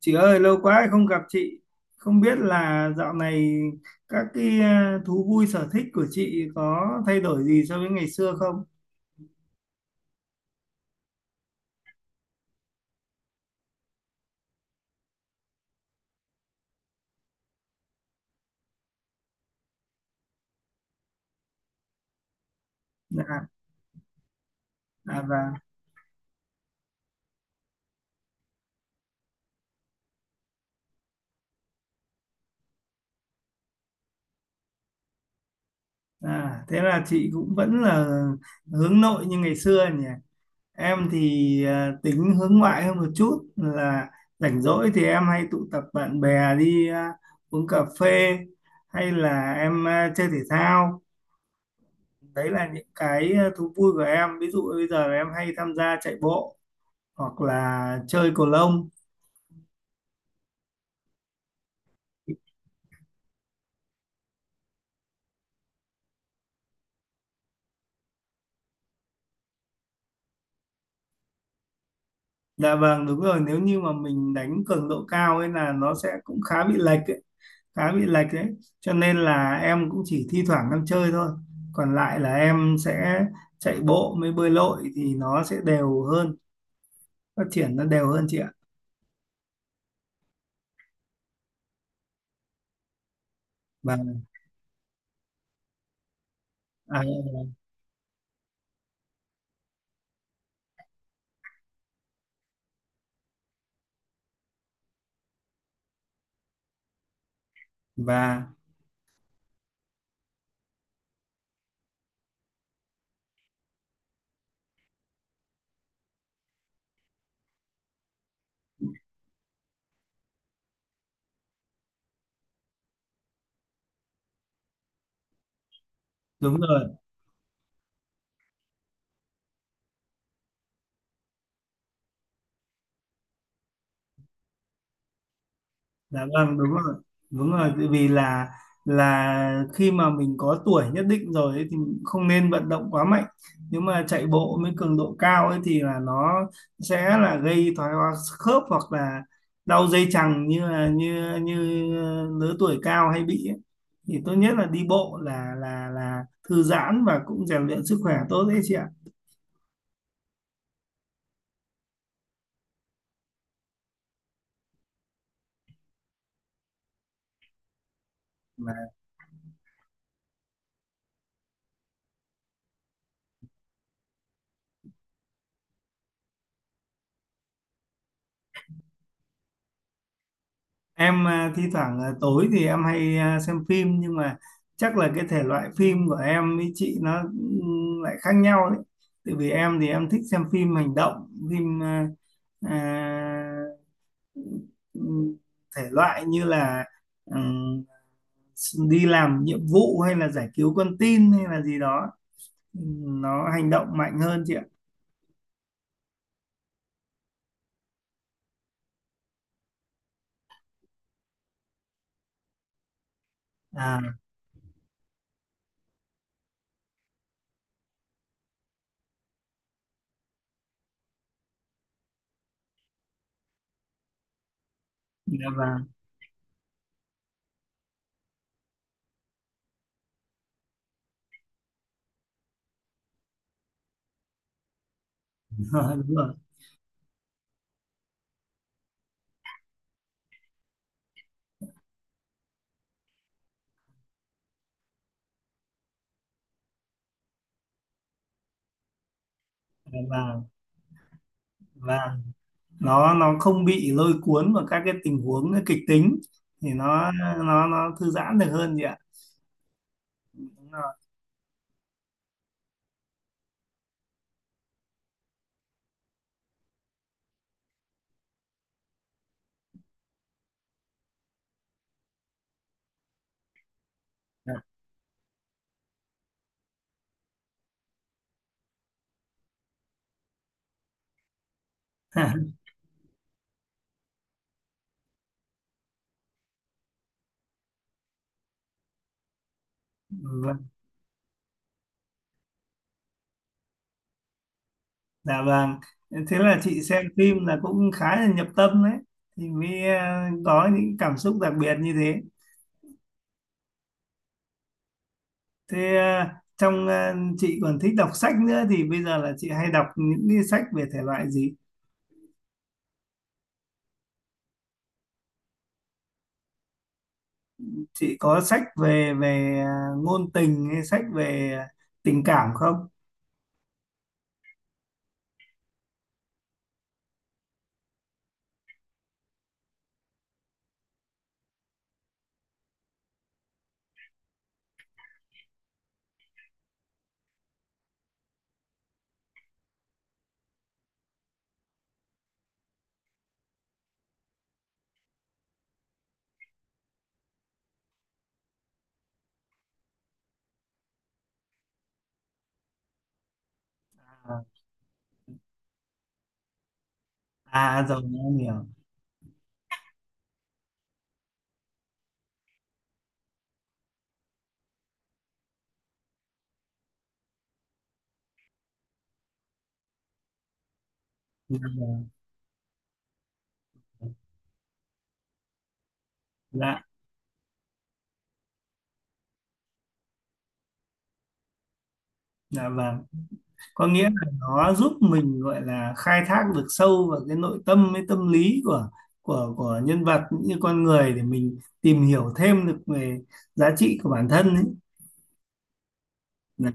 Chị ơi, lâu quá không gặp chị. Không biết là dạo này các thú vui sở thích của chị có thay đổi gì so với ngày xưa không? À, à và thế là chị cũng vẫn là hướng nội như ngày xưa nhỉ. Em thì tính hướng ngoại hơn một chút là rảnh rỗi thì em hay tụ tập bạn bè đi uống cà phê hay là em chơi thể thao. Đấy là những thú vui của em. Ví dụ bây giờ là em hay tham gia chạy bộ hoặc là chơi cầu lông. Dạ vâng, đúng rồi, nếu như mà mình đánh cường độ cao ấy là nó sẽ cũng khá bị lệch ấy, khá bị lệch đấy, cho nên là em cũng chỉ thi thoảng em chơi thôi, còn lại là em sẽ chạy bộ mới bơi lội thì nó sẽ đều hơn, phát triển nó đều hơn chị ạ. Và à, và đúng rồi. Dạ vâng, đúng rồi, đúng rồi, tại vì là khi mà mình có tuổi nhất định rồi ấy, thì mình cũng không nên vận động quá mạnh. Nếu mà chạy bộ với cường độ cao ấy thì là nó sẽ là gây thoái hóa khớp hoặc là đau dây chằng như là như như lứa tuổi cao hay bị ấy. Thì tốt nhất là đi bộ là thư giãn và cũng rèn luyện sức khỏe tốt đấy chị ạ. Dạ. Em thi thoảng tối thì em hay xem phim, nhưng mà chắc là cái thể loại phim của em với chị nó lại khác nhau đấy. Tại vì em thì em thích xem phim hành động, phim à, ừm, thể loại như là ừm, đi làm nhiệm vụ hay là giải cứu con tin hay là gì đó. Nó hành động mạnh hơn chị ạ. À, dạ vâng, đúng rồi, dạ vâng, vâng. Nó không bị lôi cuốn vào các cái tình huống kịch tính thì nó thư giãn được hơn chị ạ. Đúng rồi. Dạ. Vâng, dạ vâng, thế là chị xem phim là cũng khá là nhập tâm đấy, thì mới có những cảm xúc đặc biệt như thế. thế ờ, trong ờ, chị còn thích đọc sách nữa, thì bây giờ là chị hay đọc những cái sách về thể loại gì, chị có sách về về ờ, ngôn tình hay sách về tình cảm không? À rồi em hiểu. Dạ vâng. Dạ, dạ vâng. Có nghĩa là nó giúp mình gọi là khai thác được sâu vào cái nội tâm với tâm lý của của nhân vật cũng như con người, để mình tìm hiểu thêm được về giá trị của bản thân ấy. Dạ,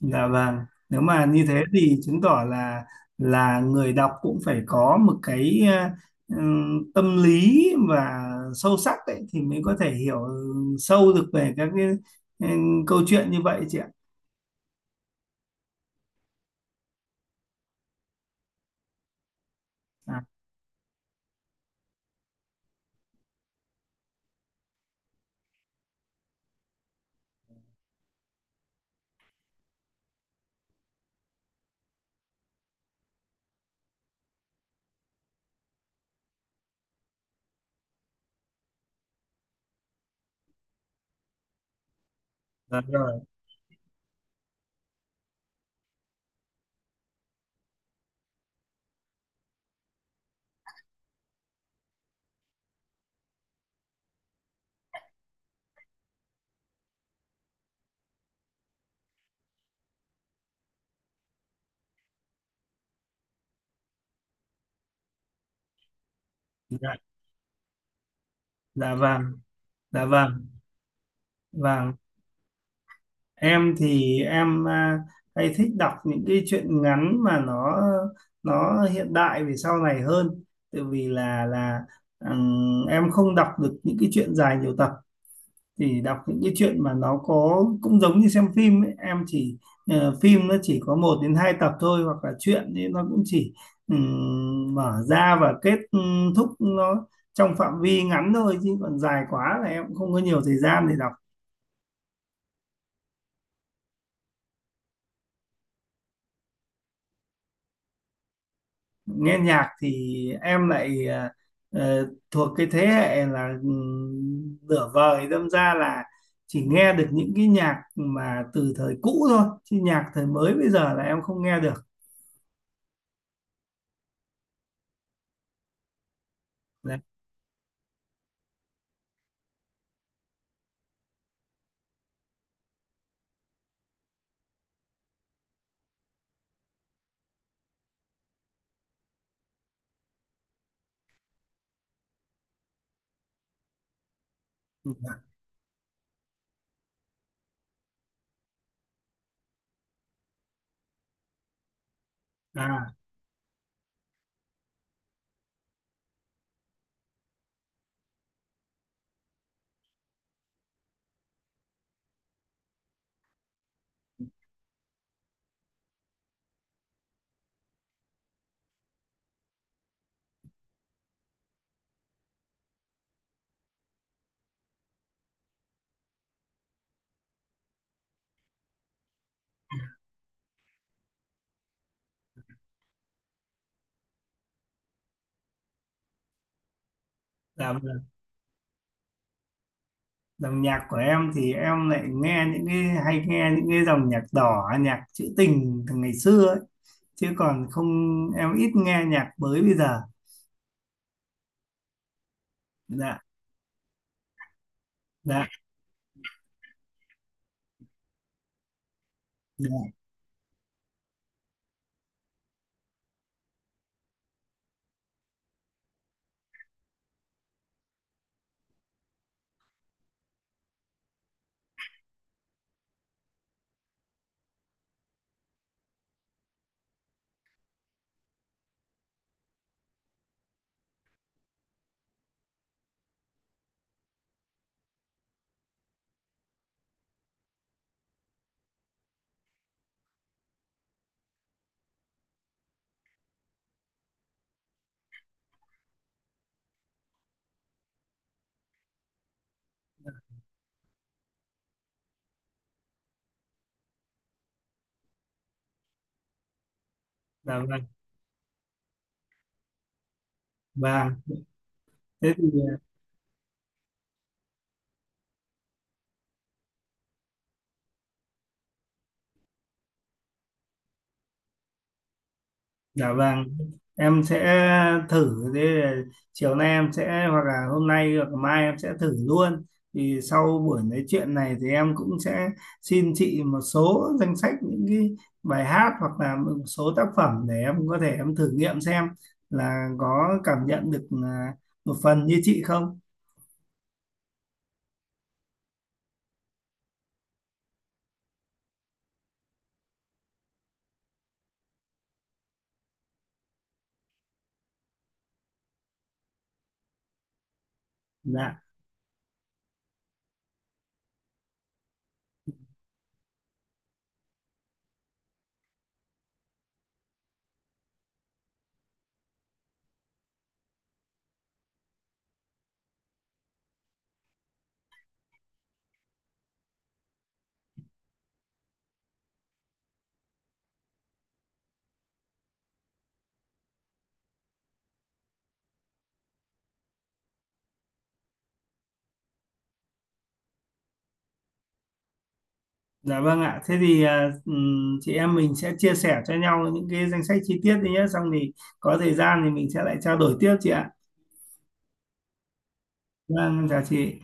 dạ vâng. Nếu mà như thế thì chứng tỏ là người đọc cũng phải có một cái tâm lý và sâu sắc ấy thì mới có thể hiểu sâu được về các cái câu chuyện như vậy chị ạ. À, dạ rồi. Dạ, dạ vâng. Dạ vâng. Vâng, em thì em hay thích đọc những cái truyện ngắn mà nó hiện đại về sau này hơn, tại vì là em không đọc được những cái truyện dài nhiều tập, thì đọc những cái truyện mà nó có cũng giống như xem phim ấy. Em chỉ phim nó chỉ có một đến hai tập thôi, hoặc là truyện thì nó cũng chỉ mở ra và kết thúc nó trong phạm vi ngắn thôi, chứ còn dài quá là em cũng không có nhiều thời gian để đọc. Nghe nhạc thì em lại thuộc cái thế hệ là nửa vời, đâm ra là chỉ nghe được những cái nhạc mà từ thời cũ thôi, chứ nhạc thời mới bây giờ là em không nghe được. Đấy. à dòng, Dòng nhạc của em thì em lại nghe những cái dòng nhạc đỏ, nhạc trữ tình từ ngày xưa ấy, chứ còn không em ít nghe nhạc mới bây giờ. Dạ. Dạ. Dạ. Dạ vâng. Vâng, thế thì. Dạ vâng, em sẽ thử, thế là chiều nay em sẽ hoặc là hôm nay hoặc mai em sẽ thử luôn. Thì sau buổi nói chuyện này thì em cũng sẽ xin chị một số danh sách những cái bài hát hoặc là một số tác phẩm để em có thể em thử nghiệm xem là có cảm nhận được một phần như chị không. Dạ, dạ vâng ạ. Thế thì chị em mình sẽ chia sẻ cho nhau những cái danh sách chi tiết đi nhé. Xong thì có thời gian thì mình sẽ lại trao đổi tiếp chị ạ. Vâng, chào chị.